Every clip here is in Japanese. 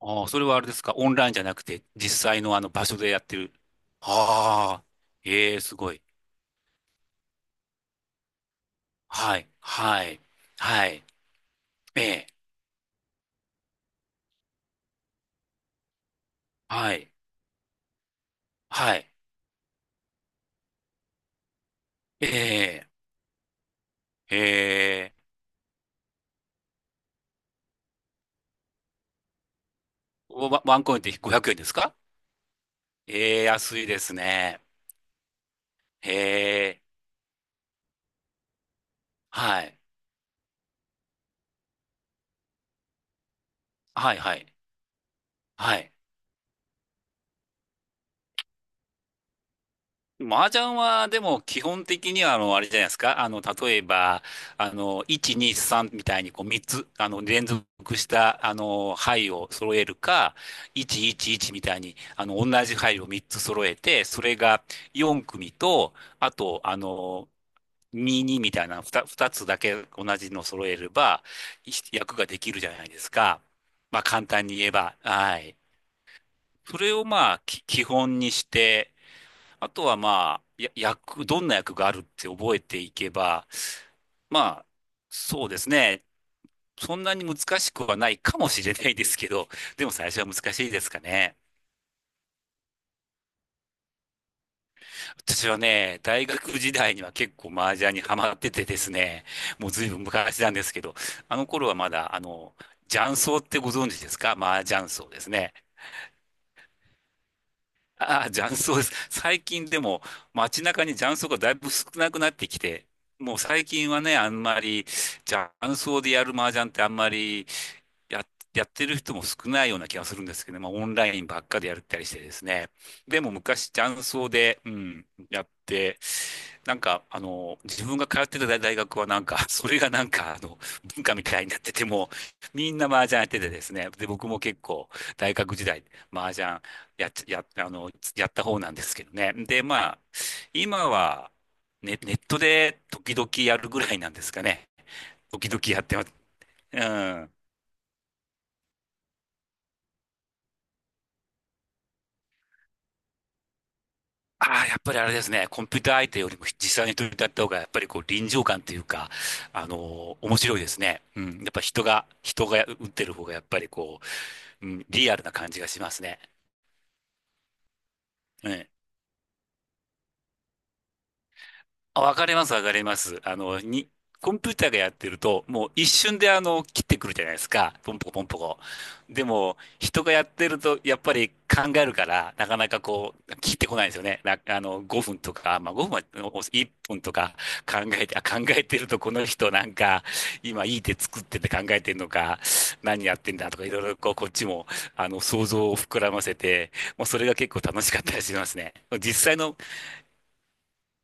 ああ、それはあれですか。オンラインじゃなくて、実際のあの場所でやってる。ああ、ええ、すごい。はい、はい、はい、ええ、はい、はい、ええ、ええ、ワンコインって500円ですか？ええ、安いですね。ええ、はい、はい、はい、はい。麻雀は、でも、基本的には、あれじゃないですか。例えば、1、2、3みたいに、こう、3つ、連続した、牌を揃えるか、1、1、1みたいに、同じ牌を3つ揃えて、それが4組と、あと、2、2みたいな2、二つだけ同じの揃えれば、い役ができるじゃないですか。まあ、簡単に言えば、はい。それを、まあ、基本にして、あとはまあ、どんな役があるって覚えていけば、まあ、そうですね。そんなに難しくはないかもしれないですけど、でも最初は難しいですかね。私はね、大学時代には結構麻雀にハマっててですね、もうずいぶん昔なんですけど、あの頃はまだ、雀荘ってご存知ですか？麻雀荘ですね。ああ、雀荘です。最近でも街中に雀荘がだいぶ少なくなってきて、もう最近はね、あんまり雀荘でやる麻雀ってあんまりや、やってる人も少ないような気がするんですけどね、まあオンラインばっかでやったりしてですね。でも昔雀荘で、やって、なんか自分が通ってた大学はなんか、それがなんか文化みたいになってても、みんな麻雀やっててですね。で、僕も結構大学時代、麻雀やっち、や、あの、やった方なんですけどね。で、まあ、今は、ね、ネットで時々やるぐらいなんですかね。時々やってます。うん。ああ、やっぱりあれですね。コンピューター相手よりも実際に取り立った方が、やっぱりこう臨場感というか、面白いですね。うん。やっぱ人が打ってる方が、やっぱりこう、リアルな感じがしますね。うん。あ、わかります、わかります。コンピューターがやってると、もう一瞬で切ってくるじゃないですか。ポンポコポンポコ。でも、人がやってると、やっぱり考えるから、なかなかこう、切ってこないんですよね。な、あの、5分とか、まあ5分は、1分とか考えて、あ、考えてると、この人なんか、今いい手作ってて考えてるのか、何やってんだとか、いろいろこう、こっちも、想像を膨らませて、もうそれが結構楽しかったりしますね。実際の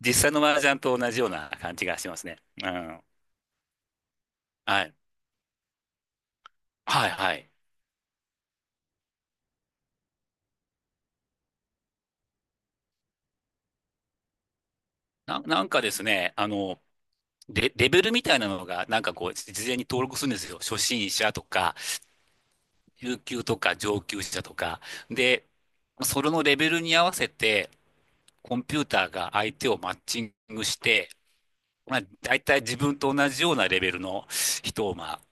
実際の麻雀と同じような感じがしますね。うん。はい。はい、はい。なんかですね、レベルみたいなのが、なんかこう、事前に登録するんですよ。初心者とか、中級とか、上級者とか。で、それのレベルに合わせて、コンピューターが相手をマッチングして、まあ、大体自分と同じようなレベルの人を、まあ、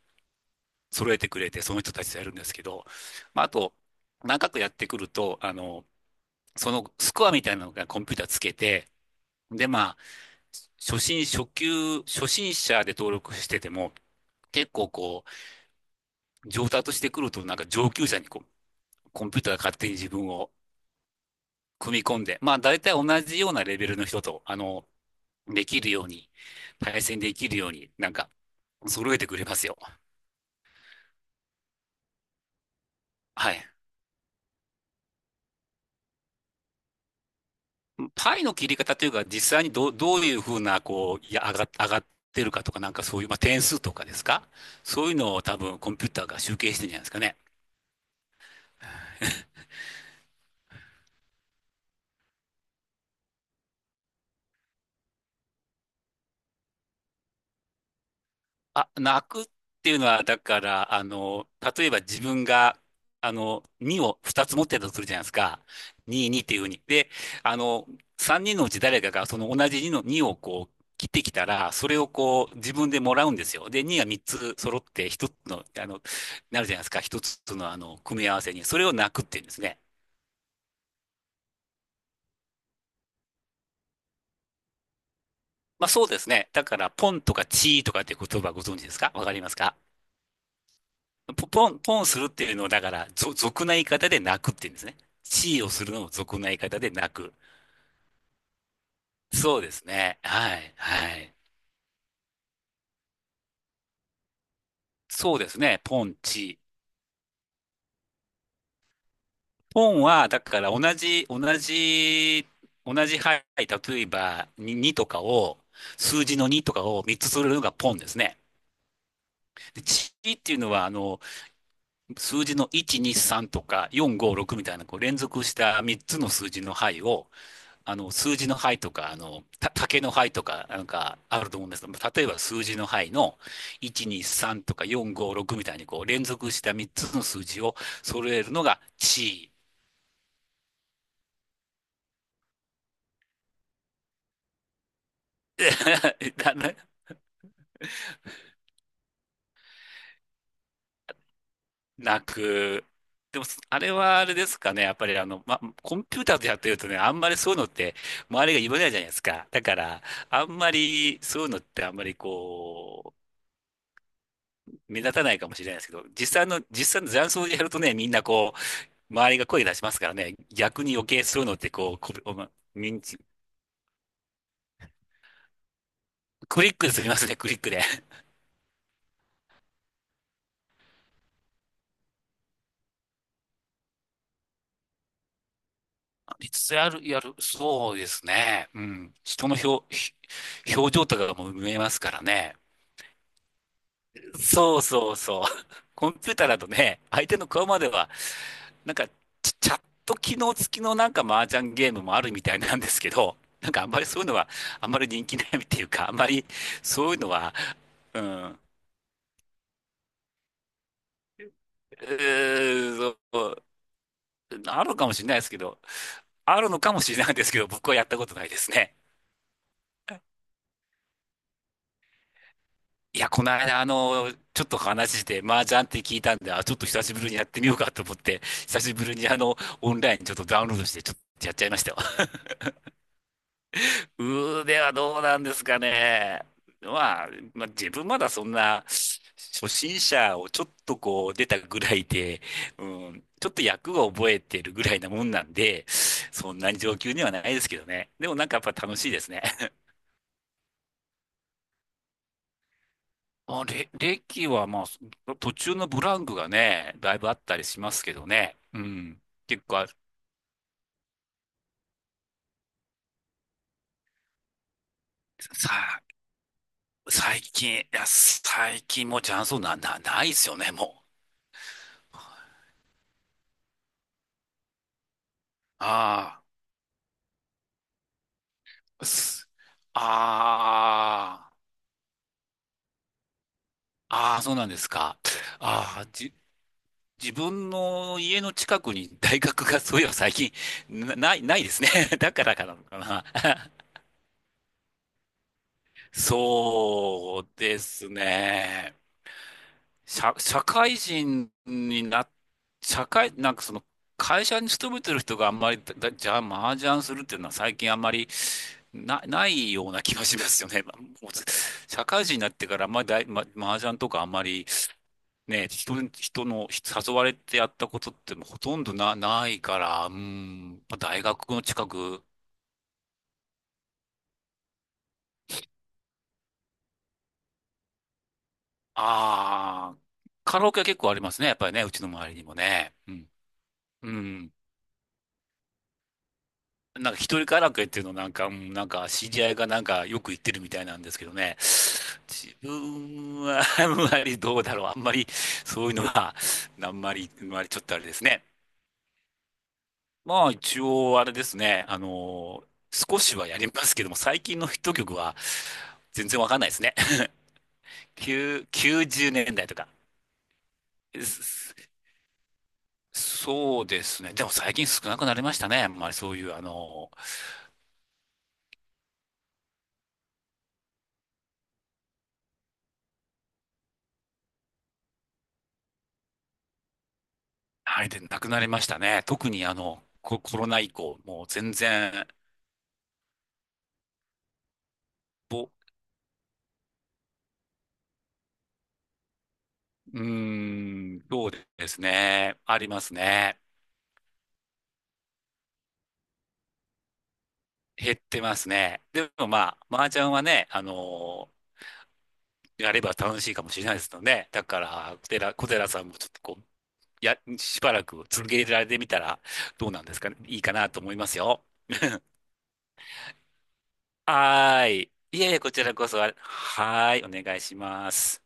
揃えてくれて、その人たちとやるんですけど、まあ、あと、長くやってくると、そのスコアみたいなのがコンピューターつけて、で、まあ、初心者で登録してても、結構こう、上達してくると、なんか上級者にこう、コンピューターが勝手に自分を組み込んで、まあ、大体同じようなレベルの人と、できるように、対戦できるように、なんか、揃えてくれますよ。はい。パイの切り方というか、実際にどういうふうな、こう、いや、上がってるかとか、なんかそういう、まあ、点数とかですか？そういうのを多分コンピューターが集計してるんじゃないですかね。あ、泣くっていうのは、だから、例えば自分が、2を2つ持ってたとするじゃないですか。2、2っていうふうに。で、あの、3人のうち誰かがその同じ2をこう、切ってきたら、それをこう、自分でもらうんですよ。で、2が3つ揃って1つの、なるじゃないですか。1つのあの、組み合わせに。それを泣くっていうんですね。まあそうですね。だから、ポンとかチーとかって言葉ご存知ですか？わかりますか？ポンするっていうのを、だから、俗な言い方で泣くって言うんですね。地位をするのを俗な言い方で泣く。そうですね。はい、はい。そうですね。ポン、地位。ポンは、だから同じ牌、例えば2、にとかを、数字の2とかを3つするのがポンですね。で、地位っていうのは、数字の1、2、3とか4、5、6みたいな、こう連続した3つの数字の牌を、数字の牌とか、竹の牌とか、なんかあると思うんですけど、例えば数字の牌の1、2、3とか4、5、6みたいにこう連続した3つの数字を揃えるのが地位。 だね。なく。でも、あれはあれですかね。やっぱりコンピューターでやってるとね、あんまりそういうのって周りが言わないじゃないですか。だから、あんまりそういうのってあんまりこう、目立たないかもしれないですけど、実際の雀荘でやるとね、みんなこう、周りが声出しますからね、逆に余計そういうのってこう、こ、おま認知、クリックで済みますね、クリックで。いつつやる、やる、そうですね。うん。人の表情とかがもう見えますからね。そうそうそう。コンピューターだとね、相手の顔までは、なんか、チャット機能付きのなんか麻雀ゲームもあるみたいなんですけど、なんかあんまりそういうのは、あんまり人気ないっていうか、あんまりそういうのは、うん。うーん、うあるかもしれないですけど、あるのかもしれないですけど、僕はやったことないですね。いや、この間、ちょっと話して、麻雀って聞いたんで、あ、ちょっと久しぶりにやってみようかと思って、久しぶりにオンラインちょっとダウンロードして、ちょっとやっちゃいましたよ。腕はどうなんですかね。まあ、まあ、自分まだそんな、初心者をちょっとこう出たぐらいで、うん、ちょっと役を覚えてるぐらいなもんなんで、そんなに上級にはないですけどね。でもなんかやっぱ楽しいですね。歴はまあ、途中のブランクがね、だいぶあったりしますけどね。うん。結構かさ、最近もうチャンスないですよね、もう。ああ、すああ、ああ、そうなんですか。ああ、自分の家の近くに大学がそういえば最近、ないですね。だからかなのかな。そうですね。社、社会人にな、社会、なんかその、会社に勤めてる人があんまりじゃあ、麻雀するっていうのは最近あんまりないような気がしますよね。まあもうず社会人になってからあんまりだい、ま、麻雀とかあんまりね、人の誘われてやったことってもうほとんどないから、うん、まあ大学の近く、ああ、カラオケは結構ありますね。やっぱりね、うちの周りにもね。うん。うん。なんか一人カラオケっていうのなんか、なんか知り合いがなんかよく言ってるみたいなんですけどね。自分は あんまりどうだろう。あんまりそういうのは、あんまりちょっとあれですね。まあ一応あれですね。少しはやりますけども、最近のヒット曲は全然わかんないですね。9、90年代とか。すそうですね。でも最近少なくなりましたね。あんまりそういう、はい、で、なくなりましたね。特にコロナ以降、もう全然、ぼ、うーん、そうですね。ありますね。減ってますね。でもまあ、麻雀はね、やれば楽しいかもしれないですので、だから、小寺さんもちょっとこう、しばらく続けられてみたらどうなんですかね。いいかなと思いますよ。はーい。いえいえ、こちらこそ、あはーい、お願いします。